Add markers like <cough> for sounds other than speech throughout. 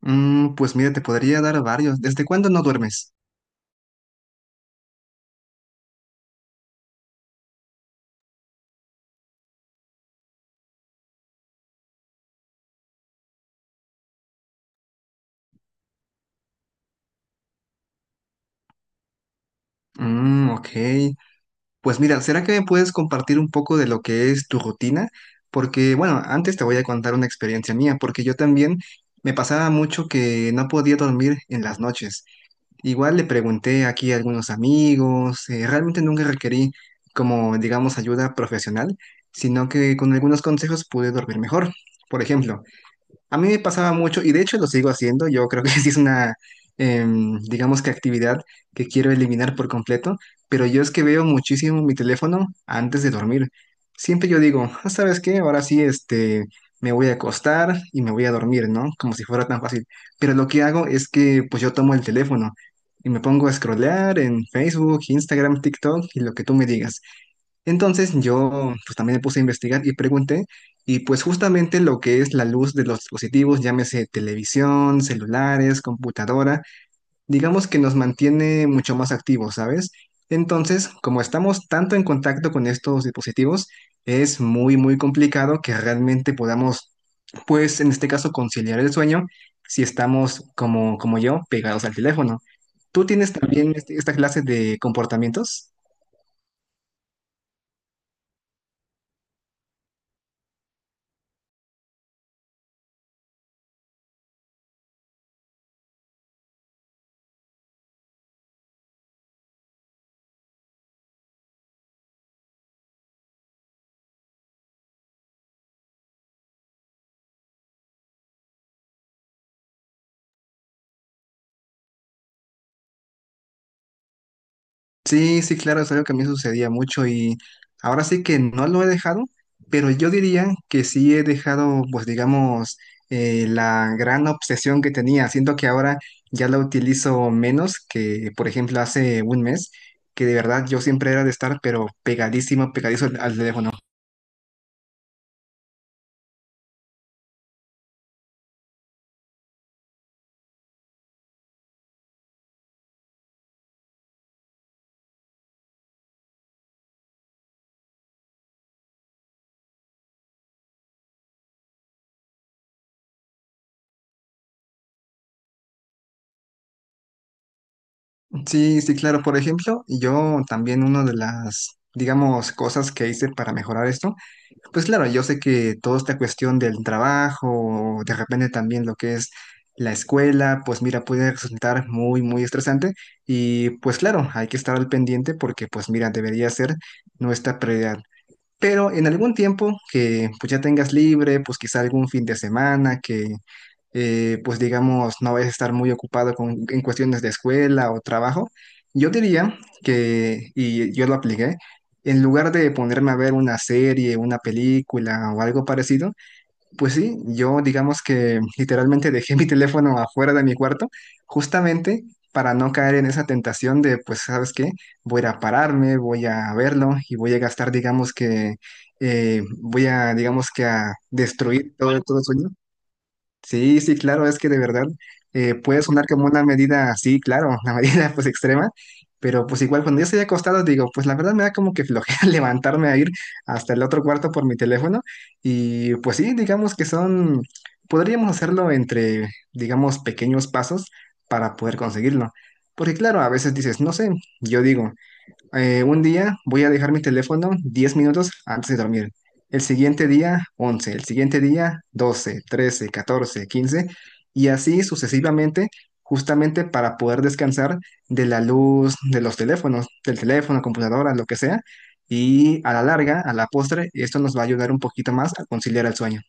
Pues mira, te podría dar varios. ¿Desde cuándo no duermes? Mm, ok. Pues mira, ¿será que me puedes compartir un poco de lo que es tu rutina? Porque, bueno, antes te voy a contar una experiencia mía, porque yo también me pasaba mucho que no podía dormir en las noches. Igual le pregunté aquí a algunos amigos, realmente nunca requerí como, digamos, ayuda profesional, sino que con algunos consejos pude dormir mejor. Por ejemplo, a mí me pasaba mucho, y de hecho lo sigo haciendo, yo creo que <laughs> sí es una, digamos que actividad que quiero eliminar por completo, pero yo es que veo muchísimo mi teléfono antes de dormir. Siempre yo digo, "Ah, ¿sabes qué? Ahora sí, me voy a acostar y me voy a dormir, ¿no?" Como si fuera tan fácil. Pero lo que hago es que pues yo tomo el teléfono y me pongo a scrollear en Facebook, Instagram, TikTok y lo que tú me digas. Entonces yo pues también me puse a investigar y pregunté, y pues justamente lo que es la luz de los dispositivos, llámese televisión, celulares, computadora, digamos que nos mantiene mucho más activos, ¿sabes? Entonces, como estamos tanto en contacto con estos dispositivos, es muy muy complicado que realmente podamos, pues en este caso, conciliar el sueño si estamos como yo pegados al teléfono. ¿Tú tienes también esta clase de comportamientos? Sí, sí, claro, es algo que a mí sucedía mucho, y ahora sí que no lo he dejado, pero yo diría que sí he dejado, pues digamos, la gran obsesión que tenía. Siento que ahora ya la utilizo menos que, por ejemplo, hace un mes, que de verdad yo siempre era de estar, pero pegadísimo, pegadizo al teléfono. Sí, sí, claro. Por ejemplo, yo también una de las, digamos, cosas que hice para mejorar esto, pues claro, yo sé que toda esta cuestión del trabajo, de repente también lo que es la escuela, pues mira, puede resultar muy, muy estresante, y pues claro, hay que estar al pendiente porque pues mira, debería ser nuestra prioridad. Pero en algún tiempo que pues ya tengas libre, pues quizá algún fin de semana que pues digamos, no vayas a estar muy ocupado con, en cuestiones de escuela o trabajo, yo diría que, y yo lo apliqué, en lugar de ponerme a ver una serie, una película o algo parecido, pues sí, yo digamos que literalmente dejé mi <laughs> teléfono afuera de mi cuarto, justamente para no caer en esa tentación de, pues, ¿sabes qué? Voy a ir a pararme, voy a verlo y voy a gastar, digamos que, voy a, digamos que a destruir todo, todo el sueño. Sí, sí, claro, es que de verdad puede sonar como una medida, sí, claro, una <laughs> medida pues extrema, pero pues igual cuando yo estoy acostado digo, pues la verdad me da como que flojera <laughs> levantarme a ir hasta el otro cuarto por mi teléfono, y pues sí, digamos que son, podríamos hacerlo entre, digamos, pequeños pasos para poder conseguirlo, porque claro, a veces dices, no sé, yo digo. Un día voy a dejar mi teléfono 10 minutos antes de dormir. El siguiente día, 11. El siguiente día, 12, 13, 14, 15. Y así sucesivamente, justamente para poder descansar de la luz de los teléfonos, del teléfono, computadora, lo que sea. Y a la larga, a la postre, esto nos va a ayudar un poquito más a conciliar el sueño.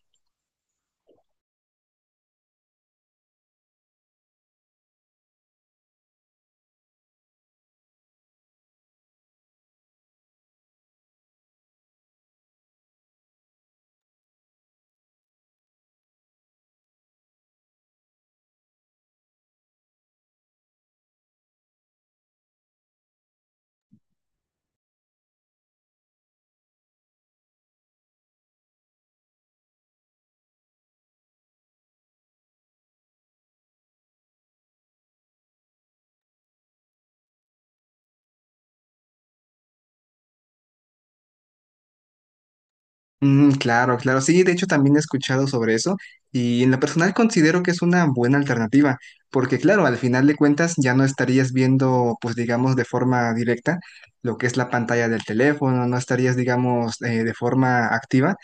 Mm, claro, claro. Sí, de hecho también he escuchado sobre eso, y en lo personal considero que es una buena alternativa, porque claro, al final de cuentas ya no estarías viendo, pues digamos, de forma directa lo que es la pantalla del teléfono, no estarías, digamos, de forma activa,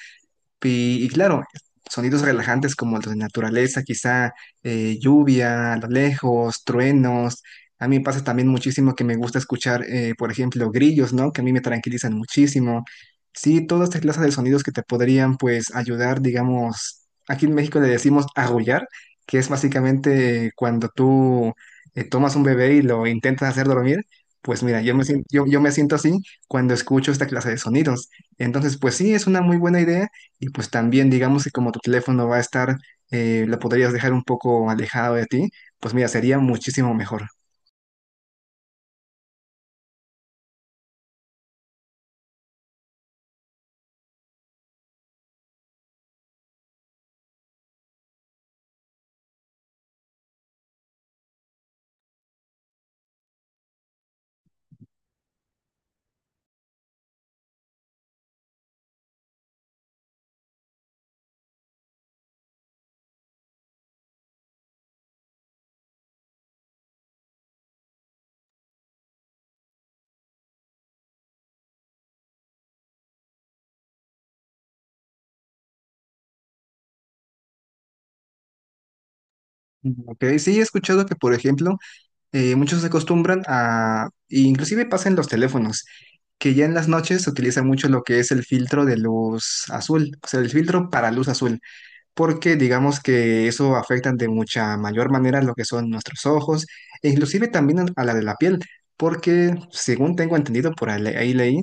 y claro, sonidos relajantes como los de naturaleza, quizá lluvia a lo lejos, truenos. A mí me pasa también muchísimo que me gusta escuchar, por ejemplo, grillos, ¿no? Que a mí me tranquilizan muchísimo. Sí, todas estas clases de sonidos que te podrían, pues, ayudar, digamos, aquí en México le decimos arrullar, que es básicamente cuando tú tomas un bebé y lo intentas hacer dormir. Pues mira, yo me siento así cuando escucho esta clase de sonidos. Entonces, pues sí, es una muy buena idea, y pues también digamos que como tu teléfono va a estar, lo podrías dejar un poco alejado de ti, pues mira, sería muchísimo mejor. Ok, sí he escuchado que, por ejemplo, muchos se acostumbran a, inclusive pasa en los teléfonos, que ya en las noches se utiliza mucho lo que es el filtro de luz azul, o sea, el filtro para luz azul, porque digamos que eso afecta de mucha mayor manera lo que son nuestros ojos e inclusive también a la de la piel, porque según tengo entendido, por ahí ahí leí,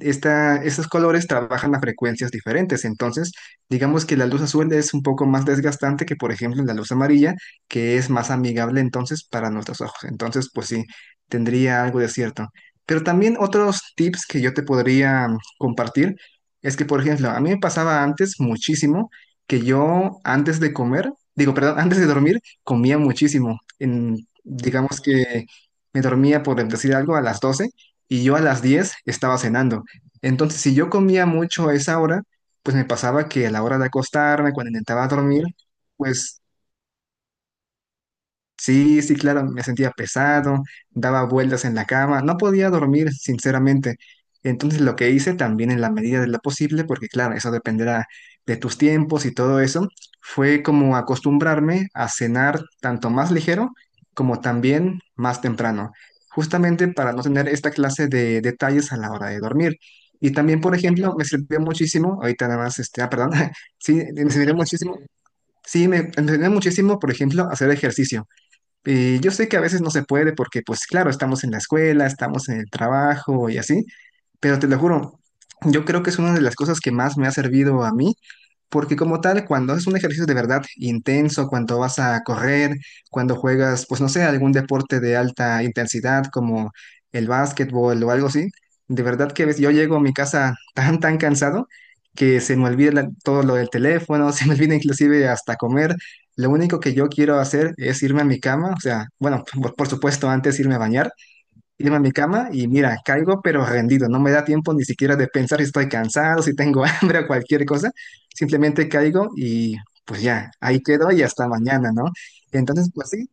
estos colores trabajan a frecuencias diferentes. Entonces digamos que la luz azul es un poco más desgastante que, por ejemplo, la luz amarilla, que es más amigable entonces para nuestros ojos. Entonces pues sí, tendría algo de cierto. Pero también otros tips que yo te podría compartir es que, por ejemplo, a mí me pasaba antes muchísimo que yo antes de comer, digo, perdón, <laughs> antes de dormir, comía muchísimo. Digamos que me dormía, por decir algo, a las 12:00, y yo a las 10:00 estaba cenando. Entonces, si yo comía mucho a esa hora, pues me pasaba que a la hora de acostarme, cuando intentaba dormir, pues, sí, sí, claro, me sentía pesado, daba vueltas en la cama, no podía dormir, sinceramente. Entonces lo que hice también en la medida de lo posible, porque claro, eso dependerá de tus tiempos y todo eso, fue como acostumbrarme a cenar tanto más ligero como también más temprano, justamente para no tener esta clase de detalles a la hora de dormir. Y también, por ejemplo, me sirvió muchísimo, ahorita nada más, perdón, <laughs> sí, me sirvió muchísimo, sí, me sirvió muchísimo, por ejemplo, hacer ejercicio. Y yo sé que a veces no se puede porque, pues claro, estamos en la escuela, estamos en el trabajo y así, pero te lo juro, yo creo que es una de las cosas que más me ha servido a mí, porque como tal, cuando haces un ejercicio de verdad intenso, cuando vas a correr, cuando juegas, pues no sé, algún deporte de alta intensidad como el básquetbol o algo así, de verdad que a veces yo llego a mi casa <laughs> tan, tan cansado que se me olvida todo lo del teléfono, <laughs> se me olvida inclusive hasta comer. Lo único que yo quiero hacer es irme a mi cama, o sea, bueno, <laughs> por supuesto, antes irme a bañar, irme a mi cama y mira, caigo pero rendido, no me da tiempo ni siquiera de pensar si estoy cansado, si tengo <laughs> hambre o cualquier cosa, simplemente caigo y pues ya, ahí quedo y hasta mañana, ¿no? Entonces, pues sí,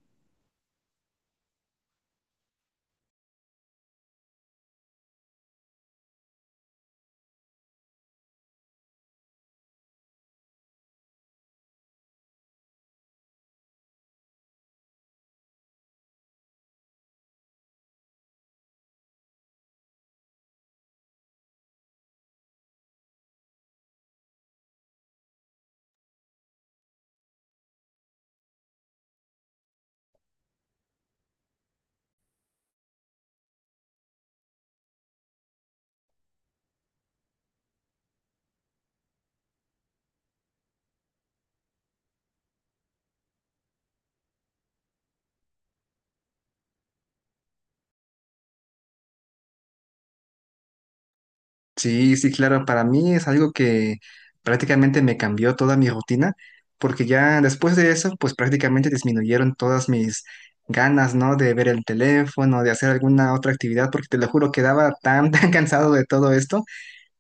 sí, sí, claro, para mí es algo que prácticamente me cambió toda mi rutina, porque ya después de eso, pues prácticamente disminuyeron todas mis ganas, ¿no? De ver el teléfono, de hacer alguna otra actividad, porque te lo juro, quedaba tan, <laughs> tan cansado de todo esto,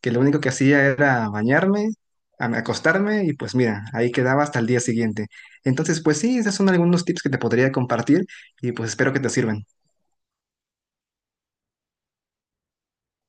que lo único que hacía era bañarme, acostarme, y pues mira, ahí quedaba hasta el día siguiente. Entonces, pues sí, esos son algunos tips que te podría compartir, y pues espero que te sirvan.